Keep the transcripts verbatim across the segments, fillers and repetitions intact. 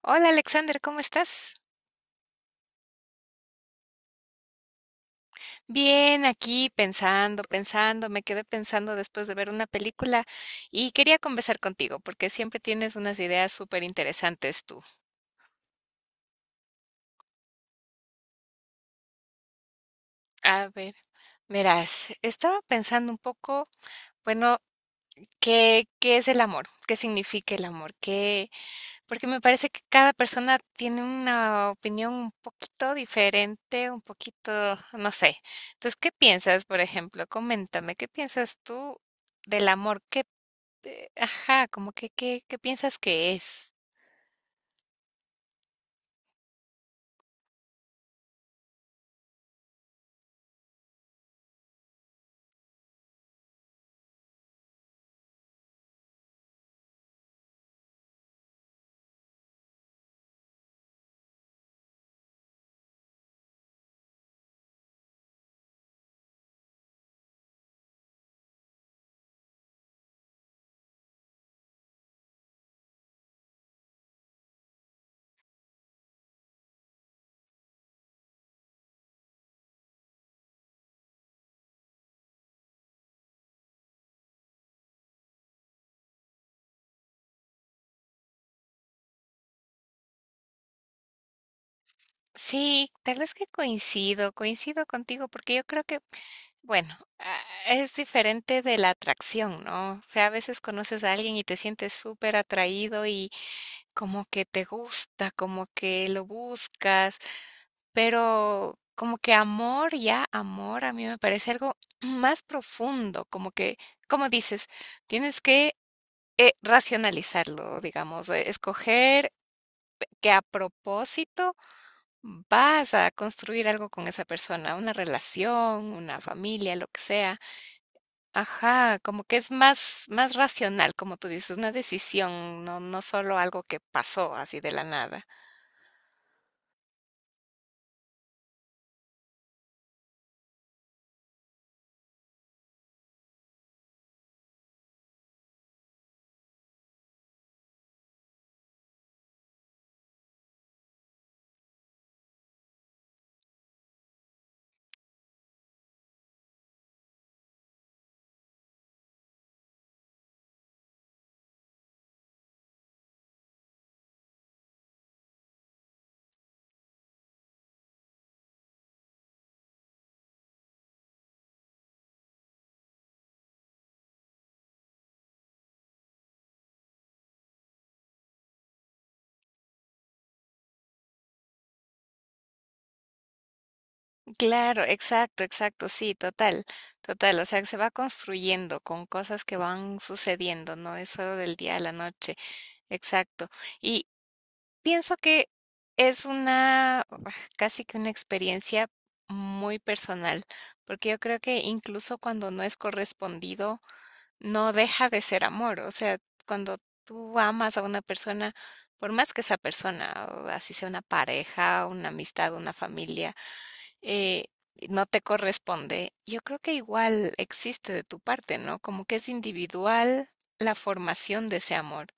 Hola Alexander, ¿cómo estás? Bien, aquí pensando, pensando, me quedé pensando después de ver una película y quería conversar contigo porque siempre tienes unas ideas súper interesantes tú. A ver, verás, estaba pensando un poco, bueno, ¿qué, qué es el amor? ¿Qué significa el amor? ¿Qué? Porque me parece que cada persona tiene una opinión un poquito diferente, un poquito, no sé. Entonces, ¿qué piensas, por ejemplo? Coméntame, ¿qué piensas tú? Del amor, ¿qué Eh, ajá, como que, ¿qué, qué piensas que es? Sí, tal vez que coincido, coincido contigo, porque yo creo que, bueno, ah, es diferente de la atracción, ¿no? O sea, a veces conoces a alguien y te sientes súper atraído y como que te gusta, como que lo buscas, pero como que amor, ya amor, a mí me parece algo más profundo, como que, como dices, tienes que eh, racionalizarlo, digamos, eh, escoger que a propósito vas a construir algo con esa persona, una relación, una familia, lo que sea. Ajá, como que es más, más racional, como tú dices, una decisión, no, no solo algo que pasó así de la nada. Claro, exacto, exacto, sí, total, total, o sea, que se va construyendo con cosas que van sucediendo, no es solo del día a la noche, exacto. Y, pienso que es una ah, casi que una experiencia muy personal, porque yo creo que incluso cuando no es correspondido, no deja de ser amor. O sea, cuando tú amas a una persona, por más que esa persona, o así sea una pareja, una amistad, una familia, eh, no te corresponde, yo creo que igual existe de tu parte, ¿no? Como que es individual la formación de ese amor.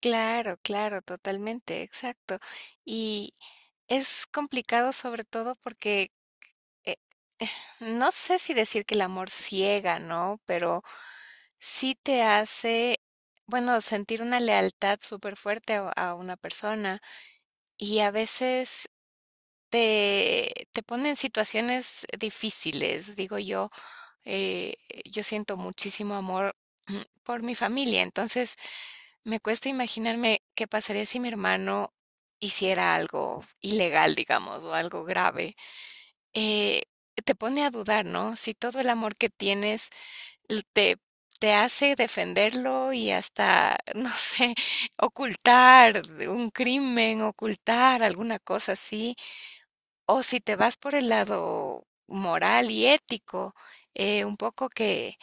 Claro, claro, totalmente, exacto. Y es complicado sobre todo porque eh, no sé si decir que el amor ciega, ¿no? Pero sí te hace, bueno, sentir una lealtad súper fuerte a, a una persona y a veces te, te pone en situaciones difíciles, digo yo, eh, yo siento muchísimo amor por mi familia, entonces me cuesta imaginarme qué pasaría si mi hermano hiciera algo ilegal, digamos, o algo grave. Eh, te pone a dudar, ¿no? Si todo el amor que tienes te, te hace defenderlo y hasta, no sé, ocultar un crimen, ocultar alguna cosa así. O si te vas por el lado moral y ético, eh, un poco que,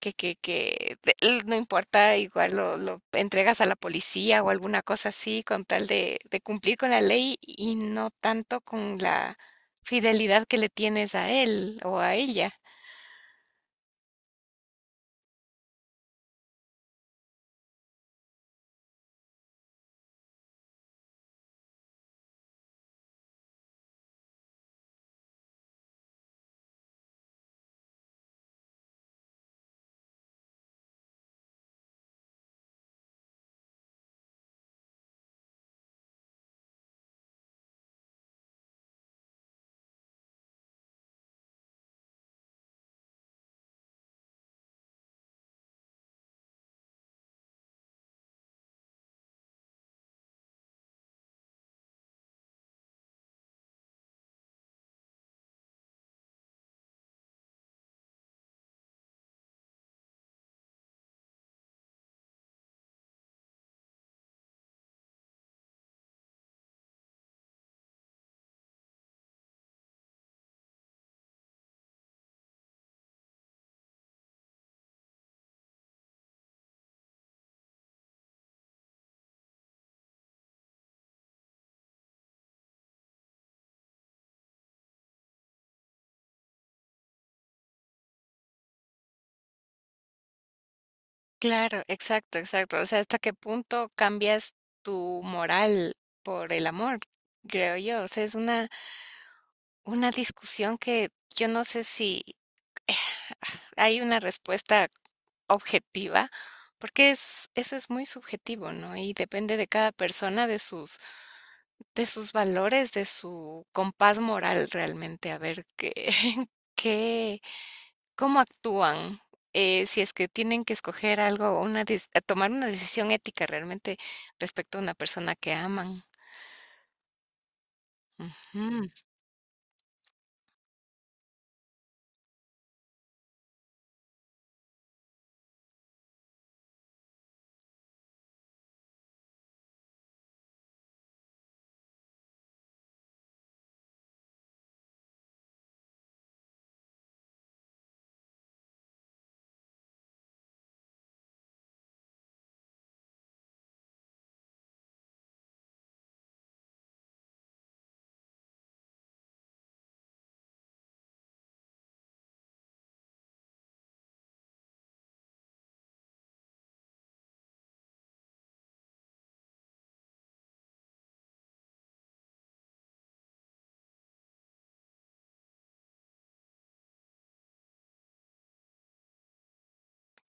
que, que, que de- l- no importa, igual lo, lo entregas a la policía o alguna cosa así con tal de, de cumplir con la ley y no tanto con la fidelidad que le tienes a él o a ella. Claro, exacto, exacto. O sea, ¿hasta qué punto cambias tu moral por el amor? Creo yo. O sea, es una, una discusión que yo no sé si hay una respuesta objetiva, porque es, eso es muy subjetivo, ¿no? Y depende de cada persona, de sus, de sus valores, de su compás moral realmente, a ver qué, qué, cómo actúan, eh, si es que tienen que escoger algo, una des- a tomar una decisión ética realmente respecto a una persona que aman. Ujú,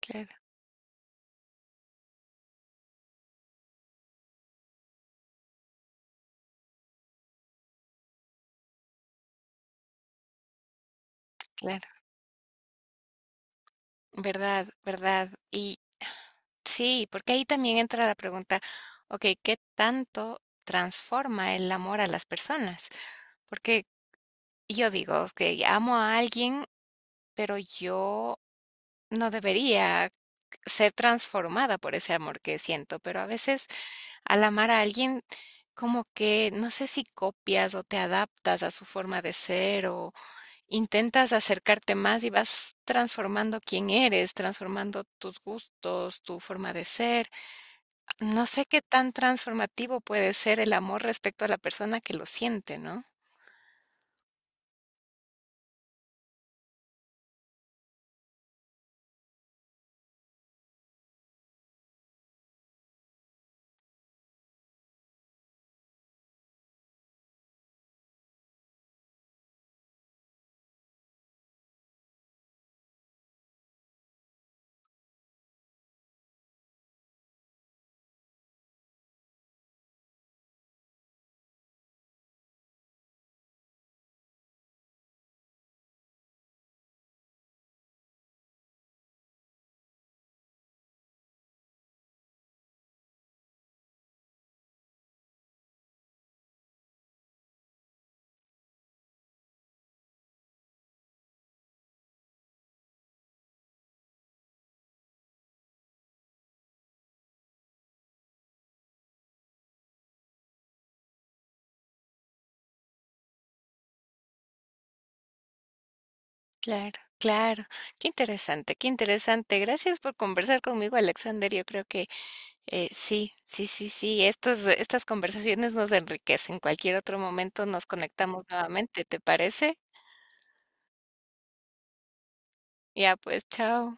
claro, claro. Verdad, verdad. Y sí, porque ahí también entra la pregunta, ok, ¿qué tanto transforma el amor a las personas? Porque yo digo que amo a alguien, pero yo no debería ser transformada por ese amor que siento, pero a veces al amar a alguien, como que no sé si copias o te adaptas a su forma de ser o intentas acercarte más y vas transformando quién eres, transformando tus gustos, tu forma de ser. No sé qué tan transformativo puede ser el amor respecto a la persona que lo siente, ¿no? Claro, claro. Qué interesante, qué interesante. Gracias por conversar conmigo, Alexander. Yo creo que Eh, sí, sí, sí, sí. Estos estas conversaciones nos enriquecen. Cualquier otro momento nos conectamos nuevamente, ¿te parece? Ya pues, chao.